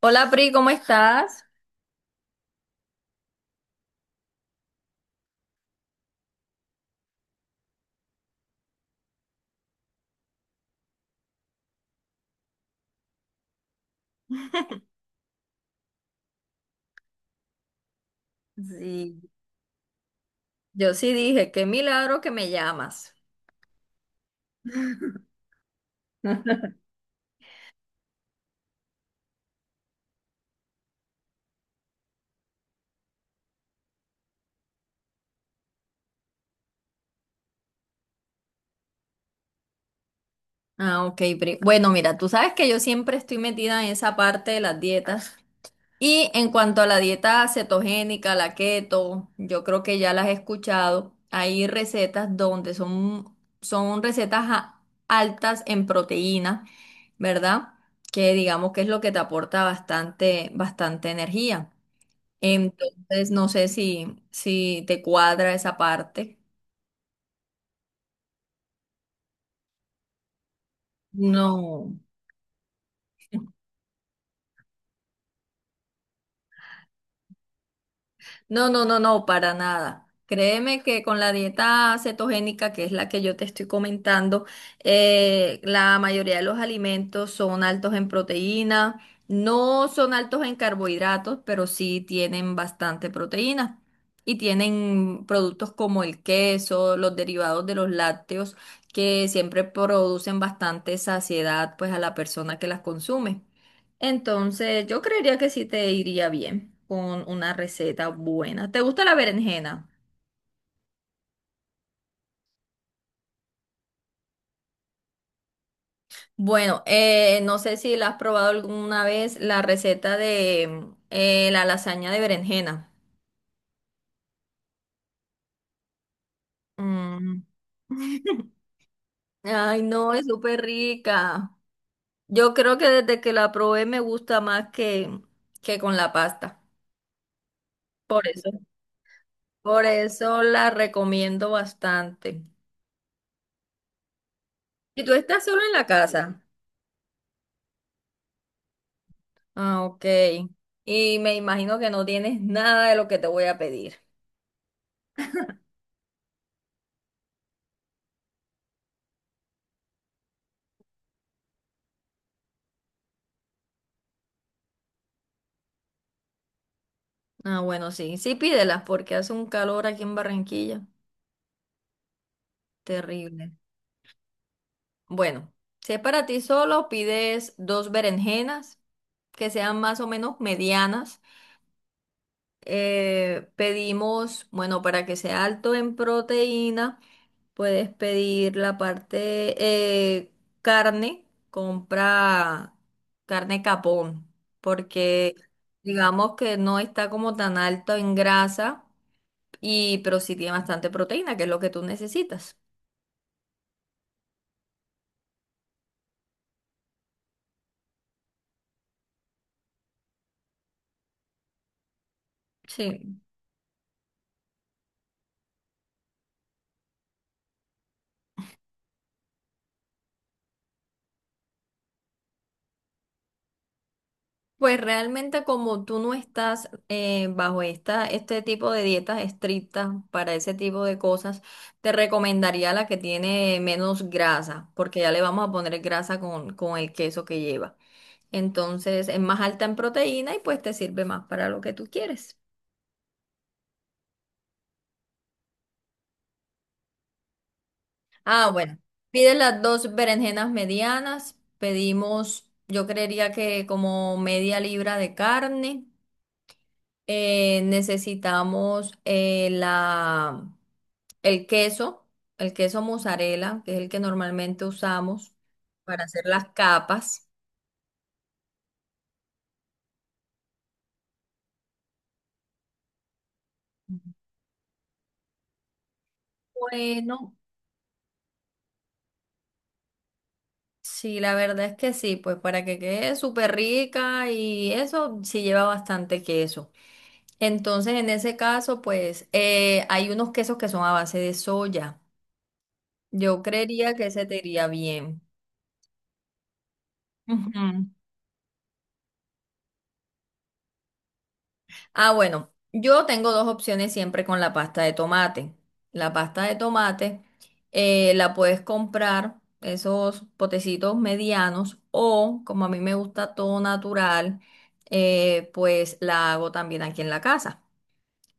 Hola Pri, ¿cómo estás? Sí. Yo sí dije, qué milagro que me llamas. Ah, ok, Pri. Bueno, mira, tú sabes que yo siempre estoy metida en esa parte de las dietas. Y en cuanto a la dieta cetogénica, la keto, yo creo que ya las he escuchado. Hay recetas donde son altas en proteína, ¿verdad? Que digamos que es lo que te aporta bastante, bastante energía. Entonces, no sé si te cuadra esa parte. No, no, para nada. Créeme que con la dieta cetogénica, que es la que yo te estoy comentando, la mayoría de los alimentos son altos en proteína, no son altos en carbohidratos, pero sí tienen bastante proteína. Y tienen productos como el queso, los derivados de los lácteos, que siempre producen bastante saciedad, pues, a la persona que las consume. Entonces, yo creería que sí te iría bien con una receta buena. ¿Te gusta la berenjena? Bueno, no sé si la has probado alguna vez la receta de la lasaña de berenjena. Mm. Ay, no, es súper rica. Yo creo que desde que la probé me gusta más que con la pasta. Por eso, por eso la recomiendo bastante. ¿Y tú estás solo en la casa? Ah, ok. Y me imagino que no tienes nada de lo que te voy a pedir. Ah, bueno, sí, sí pídelas porque hace un calor aquí en Barranquilla. Terrible. Bueno, si es para ti solo, pides dos berenjenas que sean más o menos medianas. Pedimos, bueno, para que sea alto en proteína. Puedes pedir la parte eh, carne, compra carne capón, porque digamos que no está como tan alto en grasa, y, pero sí tiene bastante proteína, que es lo que tú necesitas. Sí. Pues realmente como tú no estás bajo esta, este tipo de dietas estrictas para ese tipo de cosas, te recomendaría la que tiene menos grasa, porque ya le vamos a poner grasa con el queso que lleva. Entonces es más alta en proteína y pues te sirve más para lo que tú quieres. Ah, bueno, pides las dos berenjenas medianas, pedimos, yo creería que como media libra de carne, necesitamos el queso, el queso mozzarella, que es el que normalmente usamos para hacer las capas. Bueno. Sí, la verdad es que sí, pues para que quede súper rica y eso sí lleva bastante queso. Entonces, en ese caso, pues hay unos quesos que son a base de soya. Yo creería que ese te iría bien. Ujú. Ah, bueno, yo tengo dos opciones siempre con la pasta de tomate. La pasta de tomate la puedes comprar, esos potecitos medianos, o como a mí me gusta todo natural, pues la hago también aquí en la casa.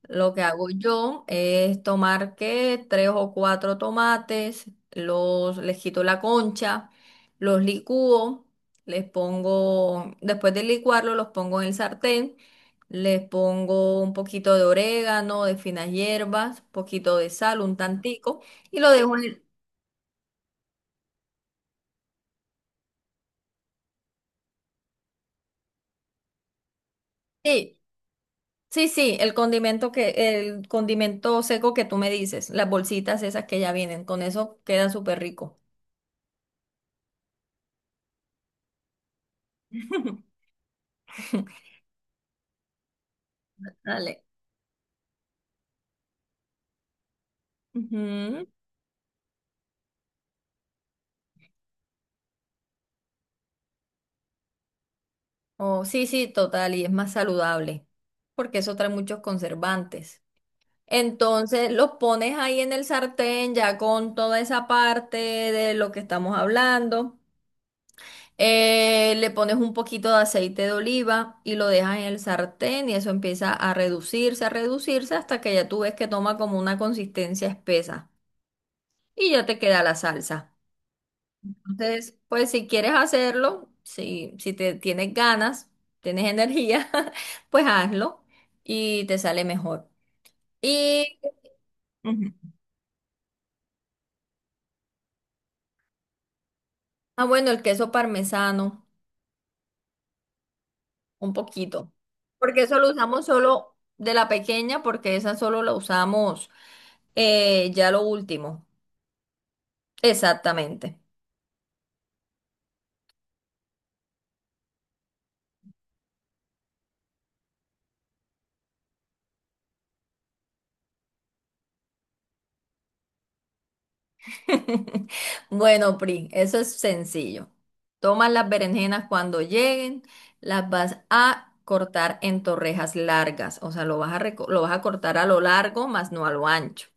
Lo que hago yo es tomar que tres o cuatro tomates, los les quito la concha, los licúo, les pongo, después de licuarlo, los pongo en el sartén, les pongo un poquito de orégano, de finas hierbas, poquito de sal, un tantico, y lo dejo en el, sí, sí, sí, el condimento el condimento seco que tú me dices, las bolsitas esas que ya vienen, con eso queda súper rico. Dale. Ujú. Oh, sí, sí, total, y es más saludable, porque eso trae muchos conservantes. Entonces los pones ahí en el sartén, ya con toda esa parte de lo que estamos hablando. Le pones un poquito de aceite de oliva y lo dejas en el sartén y eso empieza a reducirse hasta que ya tú ves que toma como una consistencia espesa y ya te queda la salsa. Entonces, pues si quieres hacerlo, si te tienes ganas, tienes energía, pues hazlo y te sale mejor. Y, Ujú. Ah, bueno, el queso parmesano, un poquito, porque eso lo usamos solo de la pequeña, porque esa solo la usamos ya lo último. Exactamente. Bueno, Pri, eso es sencillo. Tomas las berenjenas cuando lleguen, las vas a cortar en torrejas largas, o sea, lo vas a, lo vas a cortar a lo largo, más no a lo ancho.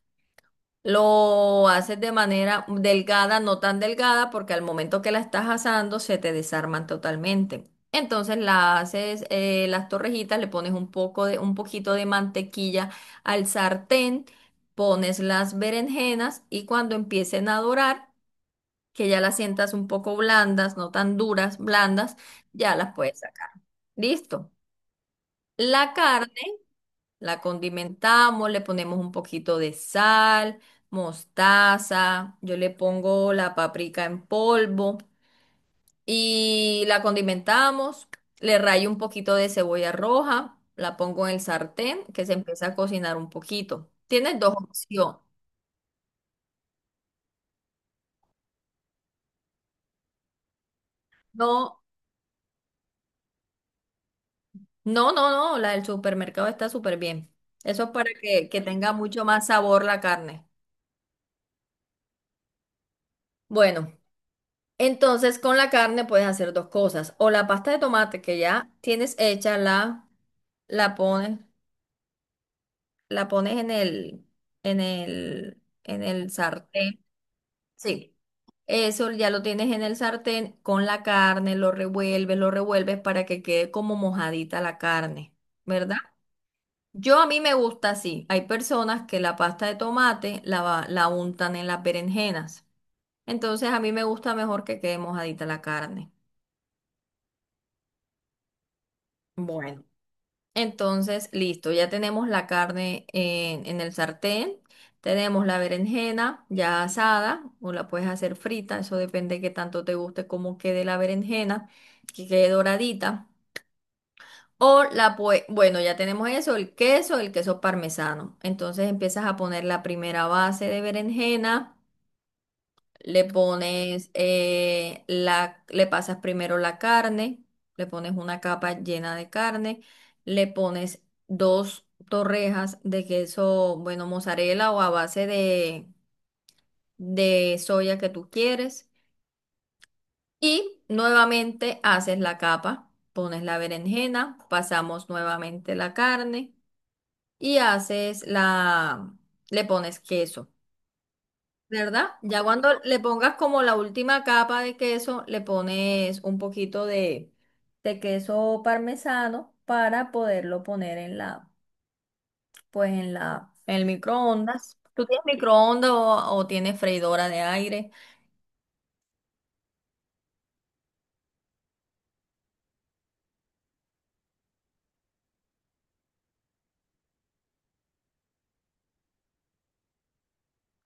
Lo haces de manera delgada, no tan delgada, porque al momento que la estás asando se te desarman totalmente. Entonces la haces las torrejitas, le pones un poco de, un poquito de mantequilla al sartén, pones las berenjenas y cuando empiecen a dorar, que ya las sientas un poco blandas, no tan duras, blandas, ya las puedes sacar. Listo. La carne. La condimentamos, le ponemos un poquito de sal, mostaza, yo le pongo la paprika en polvo y la condimentamos, le rayo un poquito de cebolla roja, la pongo en el sartén que se empieza a cocinar un poquito. Tienes dos opciones. No, no, no, no, la del supermercado está súper bien. Eso es para que tenga mucho más sabor la carne. Bueno. Entonces, con la carne puedes hacer dos cosas. O la pasta de tomate que ya tienes hecha, la pones, la pones en el sartén. Sí. Eso ya lo tienes en el sartén con la carne, lo revuelves para que quede como mojadita la carne, ¿verdad? Yo a mí me gusta así. Hay personas que la pasta de tomate la untan en las berenjenas. Entonces a mí me gusta mejor que quede mojadita la carne. Bueno. Entonces, listo, ya tenemos la carne en el sartén, tenemos la berenjena ya asada o la puedes hacer frita, eso depende de qué tanto te guste cómo quede la berenjena, que quede doradita. O la puedes, bueno, ya tenemos eso, el queso parmesano. Entonces empiezas a poner la primera base de berenjena. Le pones, le pasas primero la carne, le pones una capa llena de carne, le pones dos torrejas de queso, bueno, mozzarella o a base de soya que tú quieres. Y nuevamente haces la capa, pones la berenjena, pasamos nuevamente la carne y haces la, le pones queso. ¿Verdad? Ya cuando le pongas como la última capa de queso, le pones un poquito de queso parmesano para poderlo poner en la, pues en la, en el microondas. ¿Tú tienes microondas o tienes freidora de aire?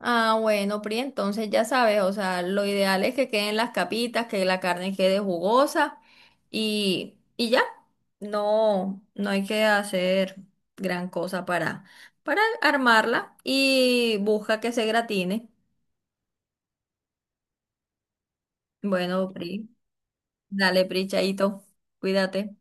Ah, bueno, Pri, entonces ya sabes, o sea, lo ideal es que queden las capitas, que la carne quede jugosa y ya. No, no hay que hacer gran cosa para armarla y busca que se gratine. Bueno, Pri, dale, Pri, chaito, cuídate.